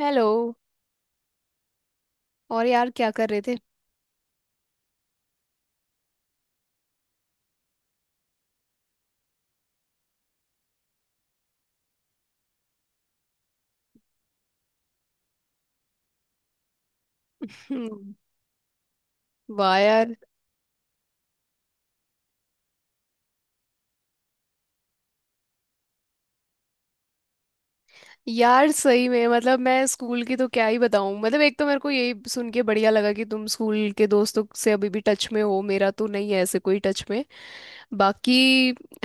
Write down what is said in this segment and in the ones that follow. Hello. और यार क्या कर रहे थे हम्म। वाह यार। यार सही में मतलब मैं स्कूल की तो क्या ही बताऊं, मतलब एक तो मेरे को यही सुन के बढ़िया लगा कि तुम स्कूल के दोस्तों से अभी भी टच में हो। मेरा तो नहीं है ऐसे कोई टच में। बाकी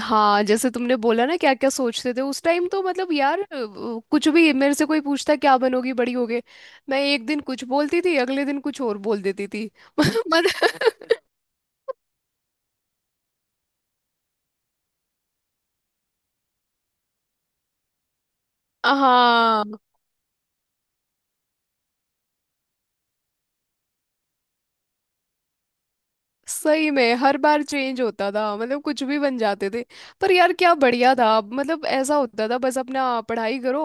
हाँ, जैसे तुमने बोला ना क्या क्या सोचते थे उस टाइम, तो मतलब यार कुछ भी मेरे से कोई पूछता क्या बनोगी बड़ी होगे। मैं एक दिन कुछ बोलती थी अगले दिन कुछ और बोल देती थी। मतलब हाँ, सही में हर बार चेंज होता था, मतलब कुछ भी बन जाते थे। पर यार क्या बढ़िया था, अब मतलब ऐसा होता था बस अपना पढ़ाई करो।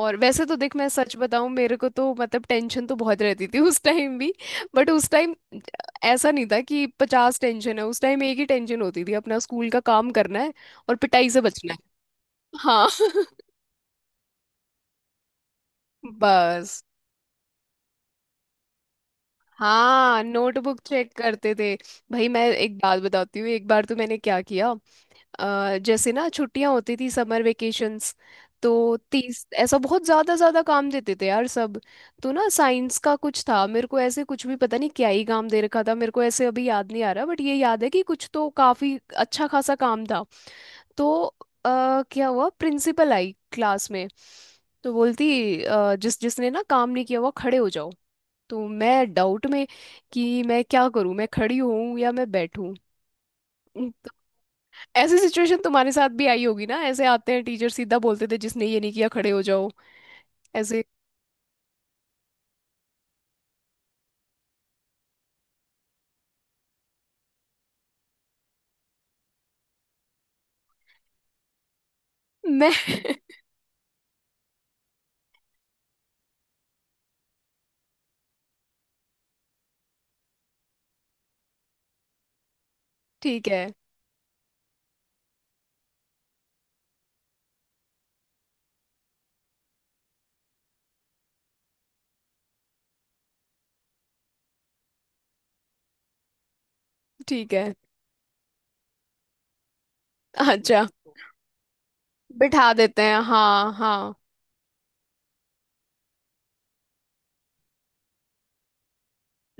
और वैसे तो देख मैं सच बताऊं, मेरे को तो मतलब टेंशन तो बहुत रहती थी उस टाइम भी। बट उस टाइम ऐसा नहीं था कि 50 टेंशन है, उस टाइम एक ही टेंशन होती थी अपना स्कूल का काम करना है और पिटाई से बचना है। हाँ बस हाँ, नोटबुक चेक करते थे। भाई मैं एक बात बताती हूँ, एक बार तो मैंने क्या किया। जैसे ना छुट्टियां होती थी समर वेकेशंस, तो 30 ऐसा बहुत ज्यादा ज्यादा काम देते थे यार सब। तो ना साइंस का कुछ था, मेरे को ऐसे कुछ भी पता नहीं क्या ही काम दे रखा था। मेरे को ऐसे अभी याद नहीं आ रहा बट ये याद है कि कुछ तो काफी अच्छा खासा काम था। तो क्या हुआ, प्रिंसिपल आई क्लास में। तो बोलती जिस जिसने ना काम नहीं किया हुआ खड़े हो जाओ। तो मैं डाउट में कि मैं क्या करूं, मैं खड़ी हूं या मैं बैठूं। ऐसी सिचुएशन तुम्हारे साथ भी आई होगी ना, ऐसे आते हैं टीचर सीधा बोलते थे जिसने ये नहीं किया खड़े हो जाओ। ऐसे मैं ठीक है। ठीक है। अच्छा। बिठा देते हैं, हाँ हाँ।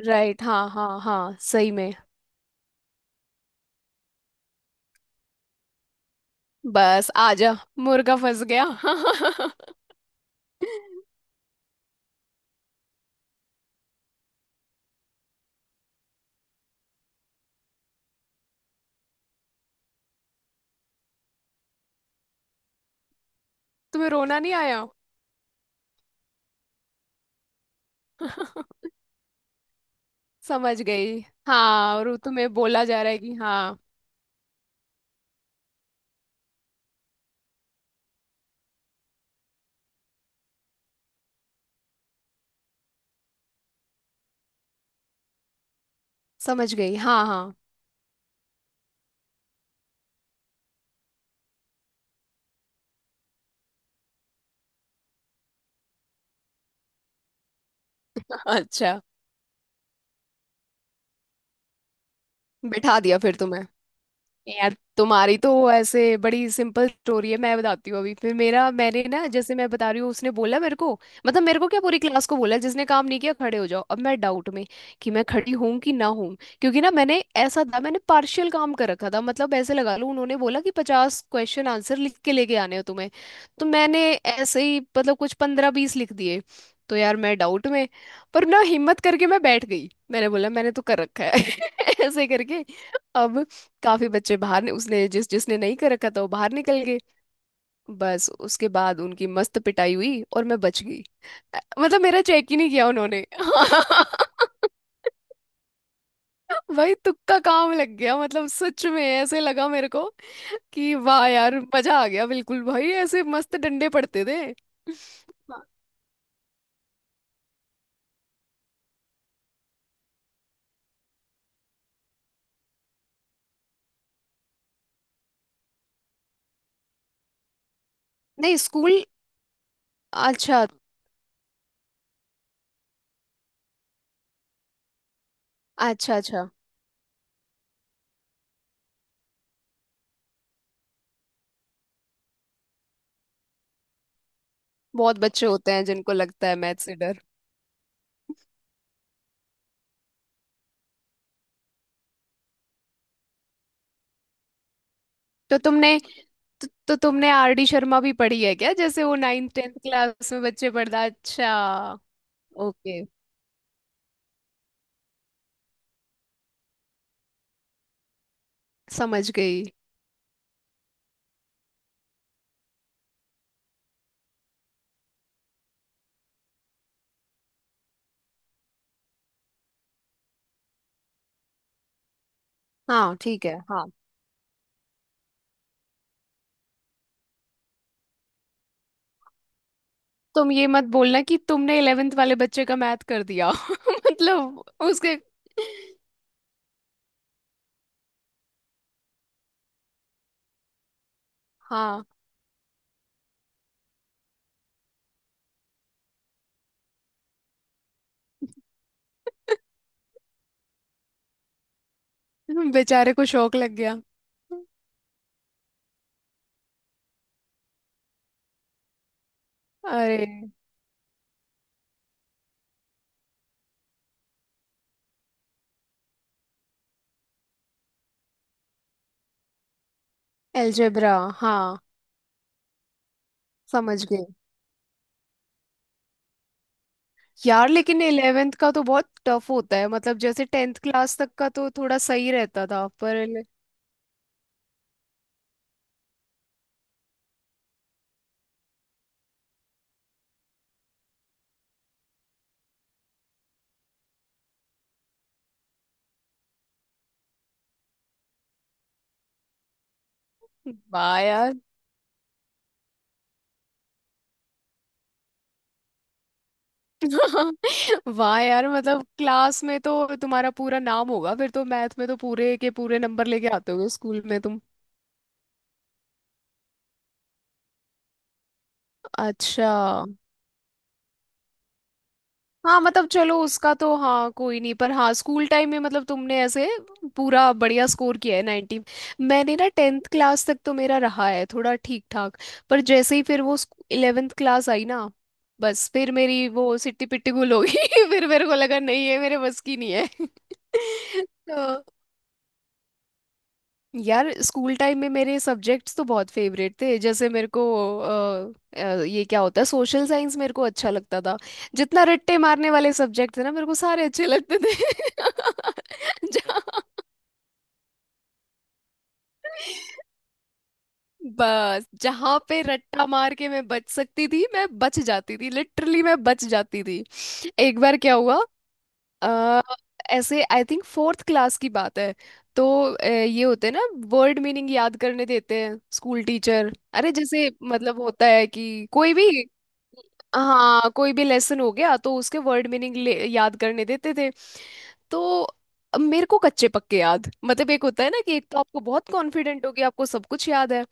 राइट, हाँ हाँ हाँ, सही में। बस आजा, मुर्गा फंस गया तुम्हें रोना नहीं आया? समझ गई, हाँ, और वो तुम्हें बोला जा रहा है कि हाँ। समझ गई, हाँ हाँ। अच्छा, बिठा दिया फिर तुम्हें। यार तुम्हारी तो ऐसे बड़ी सिंपल स्टोरी है, मैं बताती हूँ अभी फिर मेरा। मैंने ना जैसे मैं बता रही हूँ उसने बोला मेरे को, मतलब मेरे को क्या पूरी क्लास को बोला जिसने काम नहीं किया खड़े हो जाओ। अब मैं डाउट में कि मैं खड़ी हूँ कि ना हूँ, क्योंकि ना मैंने ऐसा था मैंने पार्शियल काम कर रखा था। मतलब ऐसे लगा लो उन्होंने बोला कि 50 क्वेश्चन आंसर लिख के लेके आने हो तुम्हें। तो मैंने ऐसे ही मतलब कुछ 15 20 लिख दिए। तो यार मैं डाउट में, पर ना हिम्मत करके मैं बैठ गई, मैंने बोला मैंने तो कर रखा है। ऐसे करके। अब काफी बच्चे बाहर उसने जिस जिसने नहीं कर रखा था वो बाहर निकल गए। बस उसके बाद उनकी मस्त पिटाई हुई और मैं बच गई। मतलब मेरा चेक ही नहीं किया उन्होंने भाई तुक्का काम लग गया, मतलब सच में ऐसे लगा मेरे को कि वाह यार मजा आ गया। बिल्कुल भाई ऐसे मस्त डंडे पड़ते थे। हाँ। नहीं स्कूल। अच्छा अच्छा। अच्छा। बहुत बच्चे होते हैं जिनको लगता है मैथ से डर। तो तुमने, तो तुमने आर डी शर्मा भी पढ़ी है क्या, जैसे वो नाइन्थ 10th क्लास में बच्चे पढ़ता? अच्छा। ओके, समझ गई। हाँ ठीक है, हाँ। तुम ये मत बोलना कि तुमने 11th वाले बच्चे का मैथ कर दिया मतलब उसके। हाँ बेचारे को शौक लग गया। अरे एल्जेब्रा। हाँ समझ गए। यार लेकिन 11th का तो बहुत टफ होता है, मतलब जैसे 10th क्लास तक का तो थोड़ा सही रहता था, पर। वाह यार। वाह यार मतलब क्लास में तो तुम्हारा पूरा नाम होगा, फिर तो मैथ में तो पूरे के पूरे नंबर लेके आते होगे स्कूल में तुम। अच्छा, हाँ मतलब चलो उसका तो हाँ कोई नहीं, पर हाँ स्कूल टाइम में मतलब तुमने ऐसे पूरा बढ़िया स्कोर किया है 90। मैंने ना 10th क्लास तक तो मेरा रहा है थोड़ा ठीक ठाक, पर जैसे ही फिर वो 11th क्लास आई ना, बस फिर मेरी वो सिट्टी पिट्टी गुल हो गई। फिर मेरे को लगा नहीं है, मेरे बस की नहीं है। तो यार स्कूल टाइम में मेरे सब्जेक्ट्स तो बहुत फेवरेट थे, जैसे मेरे को ये क्या होता है सोशल साइंस, मेरे को अच्छा लगता था। जितना रट्टे मारने वाले सब्जेक्ट थे ना मेरे को सारे अच्छे लगते थे। जहाँ। बस जहाँ पे रट्टा मार के मैं बच सकती थी मैं बच जाती थी, लिटरली मैं बच जाती थी। एक बार क्या हुआ। अ, ऐसे आई थिंक फोर्थ क्लास की बात है। तो ये होते हैं ना, वर्ड मीनिंग याद करने देते हैं स्कूल टीचर, अरे जैसे मतलब होता है कि कोई भी। हाँ, कोई भी लेसन हो गया तो उसके वर्ड मीनिंग याद करने देते थे। तो अब मेरे को कच्चे पक्के याद, मतलब एक होता है ना कि एक तो आपको बहुत कॉन्फिडेंट हो गया आपको सब कुछ याद है।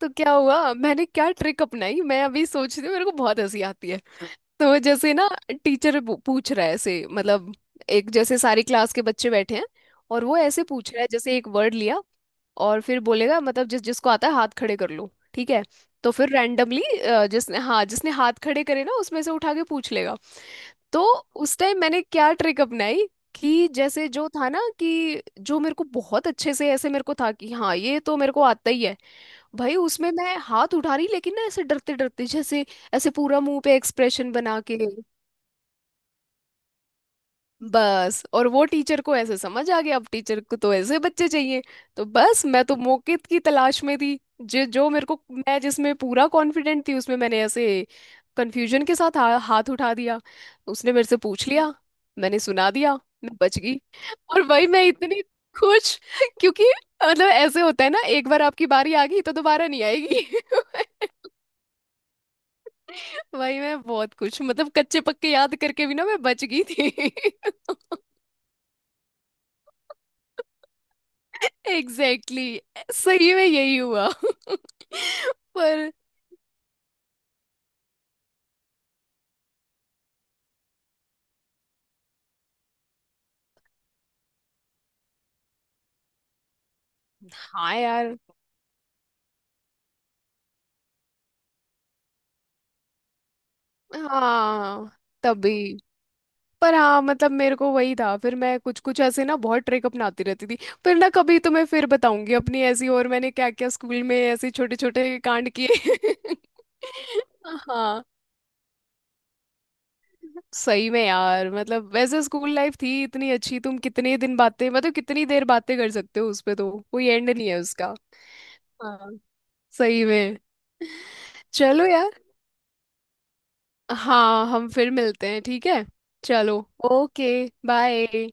तो क्या हुआ मैंने क्या ट्रिक अपनाई, मैं अभी सोचती हूँ मेरे को बहुत हंसी आती है। तो जैसे ना टीचर पूछ रहा है ऐसे, मतलब एक जैसे सारी क्लास के बच्चे बैठे हैं और वो ऐसे पूछ रहा है जैसे एक वर्ड लिया। और फिर बोलेगा मतलब जिस जिसको आता है हाथ खड़े कर लो ठीक है। तो फिर रैंडमली, जिसने हाँ जिसने हाथ खड़े करे ना उसमें से उठा के पूछ लेगा। तो उस टाइम मैंने क्या ट्रिक अपनाई, कि जैसे जो था ना कि जो मेरे को बहुत अच्छे से ऐसे, मेरे को था कि हाँ ये तो मेरे को आता ही है। भाई उसमें मैं हाथ उठा रही लेकिन ना ऐसे डरते डरते, जैसे ऐसे पूरा मुंह पे एक्सप्रेशन बना के। बस, और वो टीचर को ऐसे समझ आ गया, अब टीचर को तो ऐसे बच्चे चाहिए। तो बस मैं तो मौके की तलाश में थी। जो जो मेरे को मैं जिसमें पूरा कॉन्फिडेंट थी उसमें मैंने ऐसे कंफ्यूजन के साथ हाथ उठा दिया। उसने मेरे से पूछ लिया, मैंने सुना दिया, मैं बच गई। और भाई मैं इतनी खुश क्योंकि मतलब ऐसे होता है ना एक बार आपकी बारी आ गई तो दोबारा नहीं आएगी। वही मैं बहुत कुछ मतलब कच्चे पक्के याद करके भी ना मैं बच गई थी। Exactly exactly। सही में यही हुआ। पर हाँ यार, हाँ तभी। पर हाँ मतलब मेरे को वही था, फिर मैं कुछ कुछ ऐसे ना बहुत ट्रिक अपनाती रहती थी। पर ना कभी तो मैं फिर बताऊंगी अपनी ऐसी, और मैंने क्या क्या स्कूल में ऐसे छोटे छोटे कांड किए। हाँ, सही में यार मतलब वैसे स्कूल लाइफ थी इतनी अच्छी। तुम कितने दिन बातें, मतलब कितनी देर बातें कर सकते हो उस पे तो कोई एंड नहीं है उसका। हाँ, सही में। चलो यार। हाँ, हम फिर मिलते हैं ठीक है। चलो। ओके। बाय।